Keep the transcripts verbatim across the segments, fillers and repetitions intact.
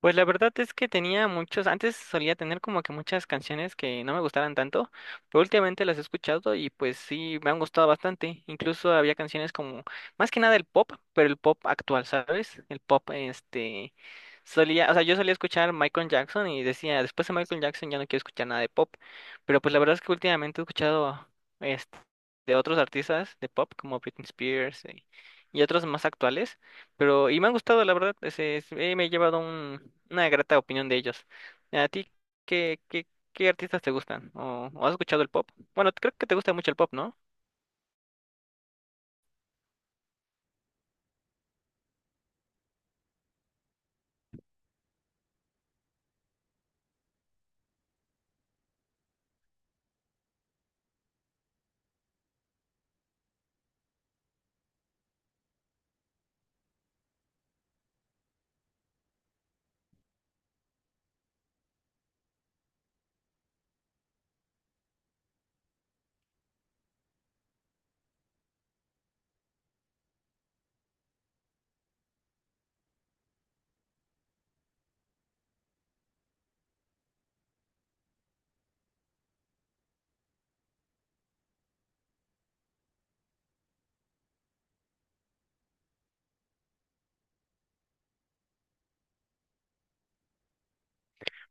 Pues la verdad es que tenía muchos, antes solía tener como que muchas canciones que no me gustaran tanto, pero últimamente las he escuchado y pues sí, me han gustado bastante. Incluso había canciones como, más que nada el pop, pero el pop actual, ¿sabes? El pop, este, solía, o sea, yo solía escuchar Michael Jackson y decía, después de Michael Jackson ya no quiero escuchar nada de pop, pero pues la verdad es que últimamente he escuchado, este, de otros artistas de pop como Britney Spears, eh, y otros más actuales. Pero, y me han gustado, la verdad, ese, es- eh, me he llevado un- una grata opinión de ellos. ¿A ti qué, qué, qué artistas te gustan? ¿O, o has escuchado el pop? Bueno, creo que te gusta mucho el pop, ¿no?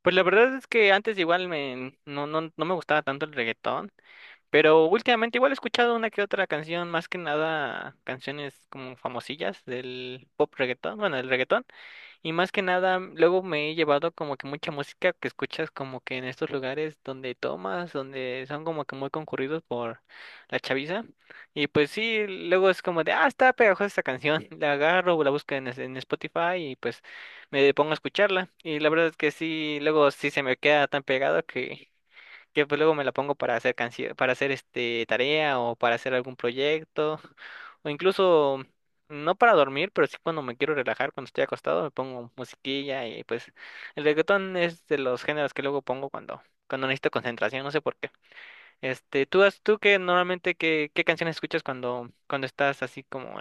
Pues la verdad es que antes igual me, no, no, no me gustaba tanto el reggaetón, pero últimamente igual he escuchado una que otra canción, más que nada canciones como famosillas del pop reggaetón, bueno, del reggaetón. Y más que nada, luego me he llevado como que mucha música que escuchas como que en estos lugares donde tomas, donde son como que muy concurridos por la chaviza. Y pues sí, luego es como de, ah, está pegajosa esta canción. La agarro, la busco en, es- en Spotify y pues me pongo a escucharla. Y la verdad es que sí, luego sí se me queda tan pegado que que pues luego me la pongo para hacer canción, para hacer este tarea o para hacer algún proyecto o incluso no para dormir, pero sí cuando me quiero relajar, cuando estoy acostado, me pongo musiquilla y pues el reggaetón es de los géneros que luego pongo cuando cuando necesito concentración, no sé por qué. Este, tú has, tú que normalmente qué qué canciones escuchas cuando cuando estás así como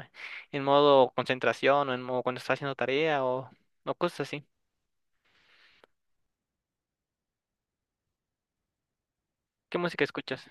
en modo concentración o en modo cuando estás haciendo tarea o o cosas así. ¿Qué música escuchas?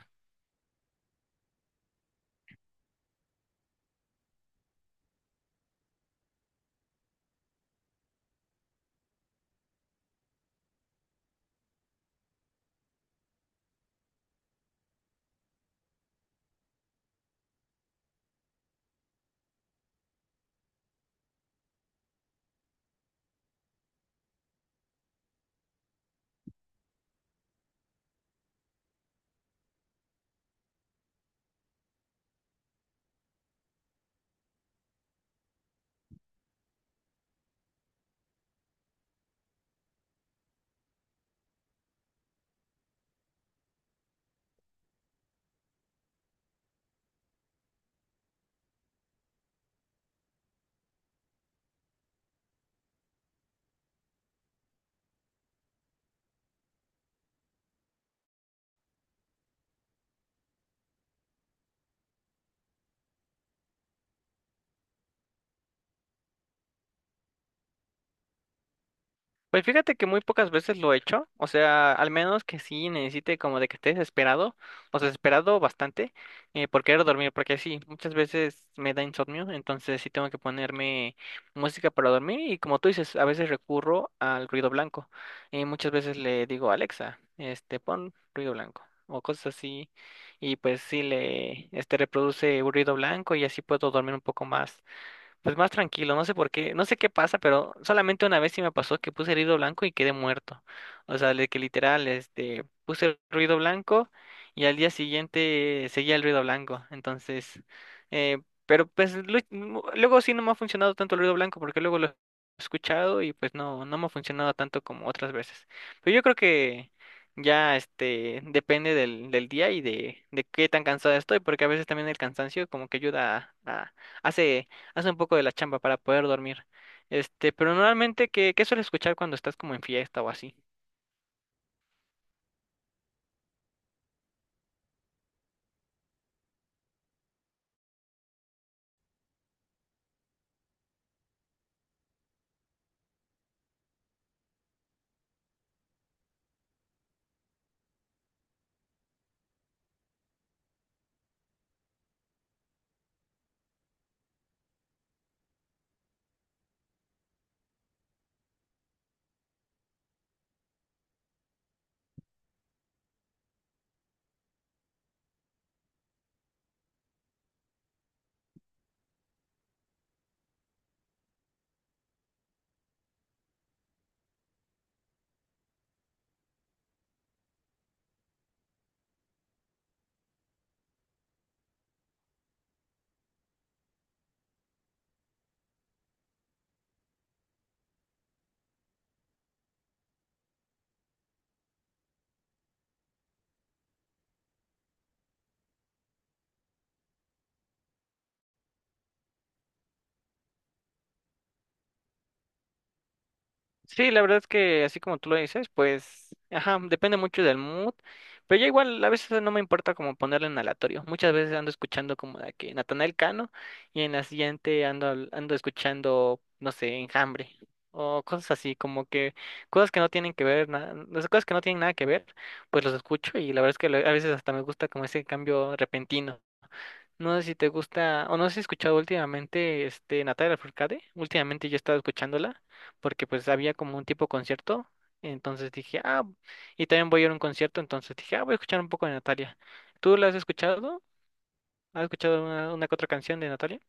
Pues fíjate que muy pocas veces lo he hecho, o sea, al menos que sí necesite como de que esté desesperado, o sea, desesperado bastante eh, por querer dormir, porque sí, muchas veces me da insomnio, entonces sí tengo que ponerme música para dormir y como tú dices, a veces recurro al ruido blanco. Eh, muchas veces le digo, Alexa, este, pon ruido blanco o cosas así, y pues sí le, este, reproduce ruido blanco y así puedo dormir un poco más. Pues más tranquilo, no sé por qué, no sé qué pasa, pero solamente una vez sí me pasó que puse ruido blanco y quedé muerto. O sea, de que literal, este, puse ruido blanco y al día siguiente seguía el ruido blanco. Entonces, eh, pero pues lu- mu- luego sí no me ha funcionado tanto el ruido blanco porque luego lo he escuchado y pues no, no me ha funcionado tanto como otras veces. Pero yo creo que ya, este, depende del, del día y de, de qué tan cansado estoy, porque a veces también el cansancio como que ayuda a a- hace hace un poco de la chamba para poder dormir. Este, pero normalmente, ¿qué, qué sueles escuchar cuando estás como en fiesta o así? Sí, la verdad es que así como tú lo dices, pues, ajá, depende mucho del mood, pero ya igual a veces no me importa como ponerle en aleatorio. Muchas veces ando escuchando como de que Natanael Cano y en la siguiente ando al- ando escuchando, no sé, Enjambre o cosas así, como que cosas que no tienen que ver, na- las cosas que no tienen nada que ver, pues los escucho y la verdad es que lo- a veces hasta me gusta como ese cambio repentino. No sé si te gusta, o no sé si has escuchado últimamente este Natalia Furcade. Últimamente yo he estado escuchándola, porque pues había como un tipo concierto. Entonces dije, ah, y también voy a ir a un concierto, entonces dije, ah, voy a escuchar un poco de Natalia. ¿Tú la has escuchado? ¿Has escuchado una, una que otra canción de Natalia?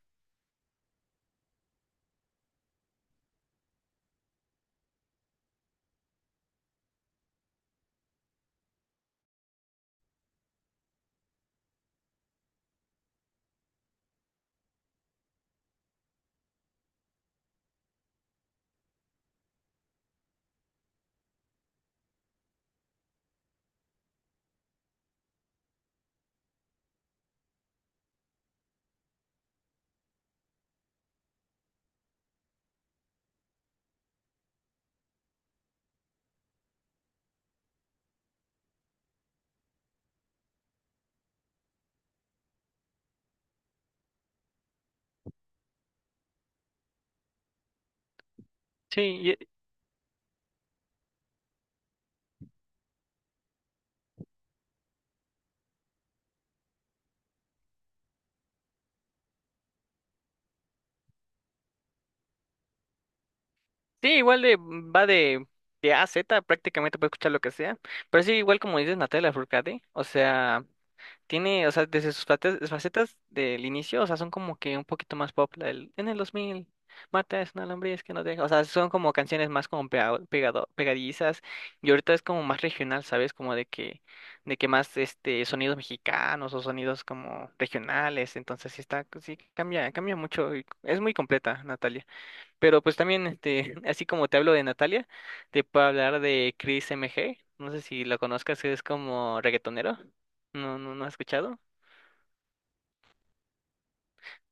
Sí, y- sí, igual de, va de, de A a Z, prácticamente puedes escuchar lo que sea. Pero sí, igual como dices Natalia Furcade, o sea. Tiene, o sea, desde sus facetas, facetas del inicio, o sea, son como que un poquito más pop. La del- en el dos mil Marta es una lombriz que no deja. O sea, son como canciones más como pega- pegado, pegadizas. Y ahorita es como más regional, ¿sabes? Como de que, de que más este sonidos mexicanos o sonidos como regionales. Entonces sí está, sí cambia, cambia mucho. Y es muy completa, Natalia. Pero pues también, este, así como te hablo de Natalia, te puedo hablar de Chris M G. No sé si lo conozcas, es como reggaetonero. No, no, no has escuchado.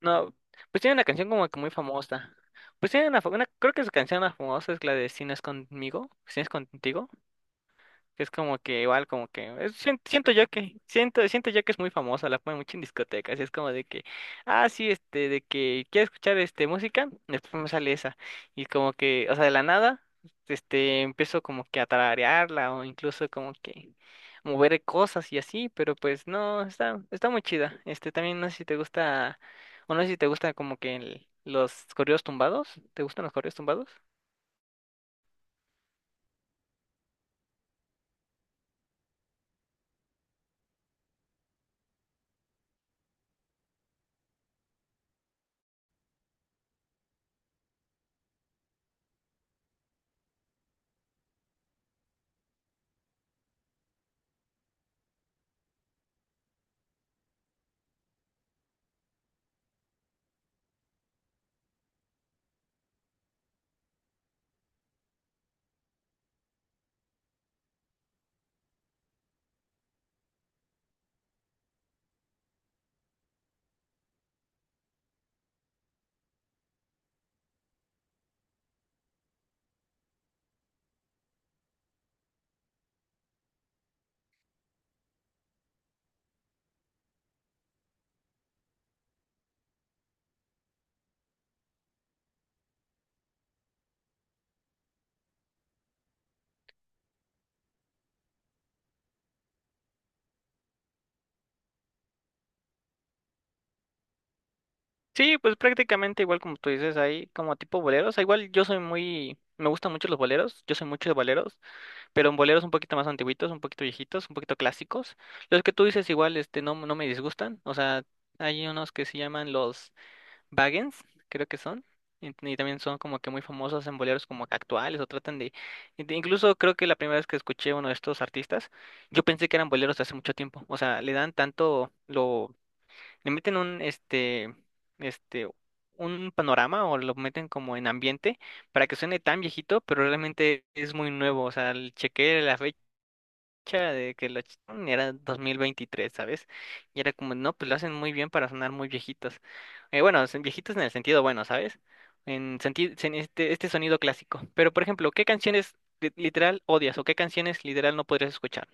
No, pues tiene una canción como que muy famosa. Pues tiene una, fa- una- creo que su canción más famosa es la de Si no es conmigo, si no es contigo. Es como que igual, como que es- sien- siento yo que siento siento yo que es muy famosa, la ponen mucho en discotecas, y es como de que ah sí, este de que quieres escuchar este música, después me sale esa y como que, o sea, de la nada este empiezo como que a tararearla o incluso como que mover cosas y así, pero pues no, está está muy chida. Este también no sé si te gusta o no sé si te gusta como que el- los corridos tumbados, ¿te gustan los corridos tumbados? Sí, pues prácticamente igual como tú dices, hay como tipo boleros. Ah, igual yo soy muy, me gustan mucho los boleros, yo soy mucho de boleros, pero en boleros un poquito más antiguitos, un poquito viejitos, un poquito clásicos. Los que tú dices igual, este, no, no me disgustan. O sea, hay unos que se llaman los Baggins, creo que son. Y, y también son como que muy famosos en boleros como que actuales o tratan de... in- Incluso creo que la primera vez que escuché a uno de estos artistas, yo pensé que eran boleros de hace mucho tiempo. O sea, le dan tanto lo le meten un este este un panorama o lo meten como en ambiente para que suene tan viejito, pero realmente es muy nuevo, o sea, el- chequeé la fecha de que lo echaron y era dos mil veintitrés, ¿sabes? Y era como, no, pues lo hacen muy bien para sonar muy viejitos. Eh, bueno, son viejitos en el sentido bueno, ¿sabes? En sentido en este este sonido clásico. Pero por ejemplo, ¿qué canciones li- literal odias o qué canciones literal no podrías escuchar?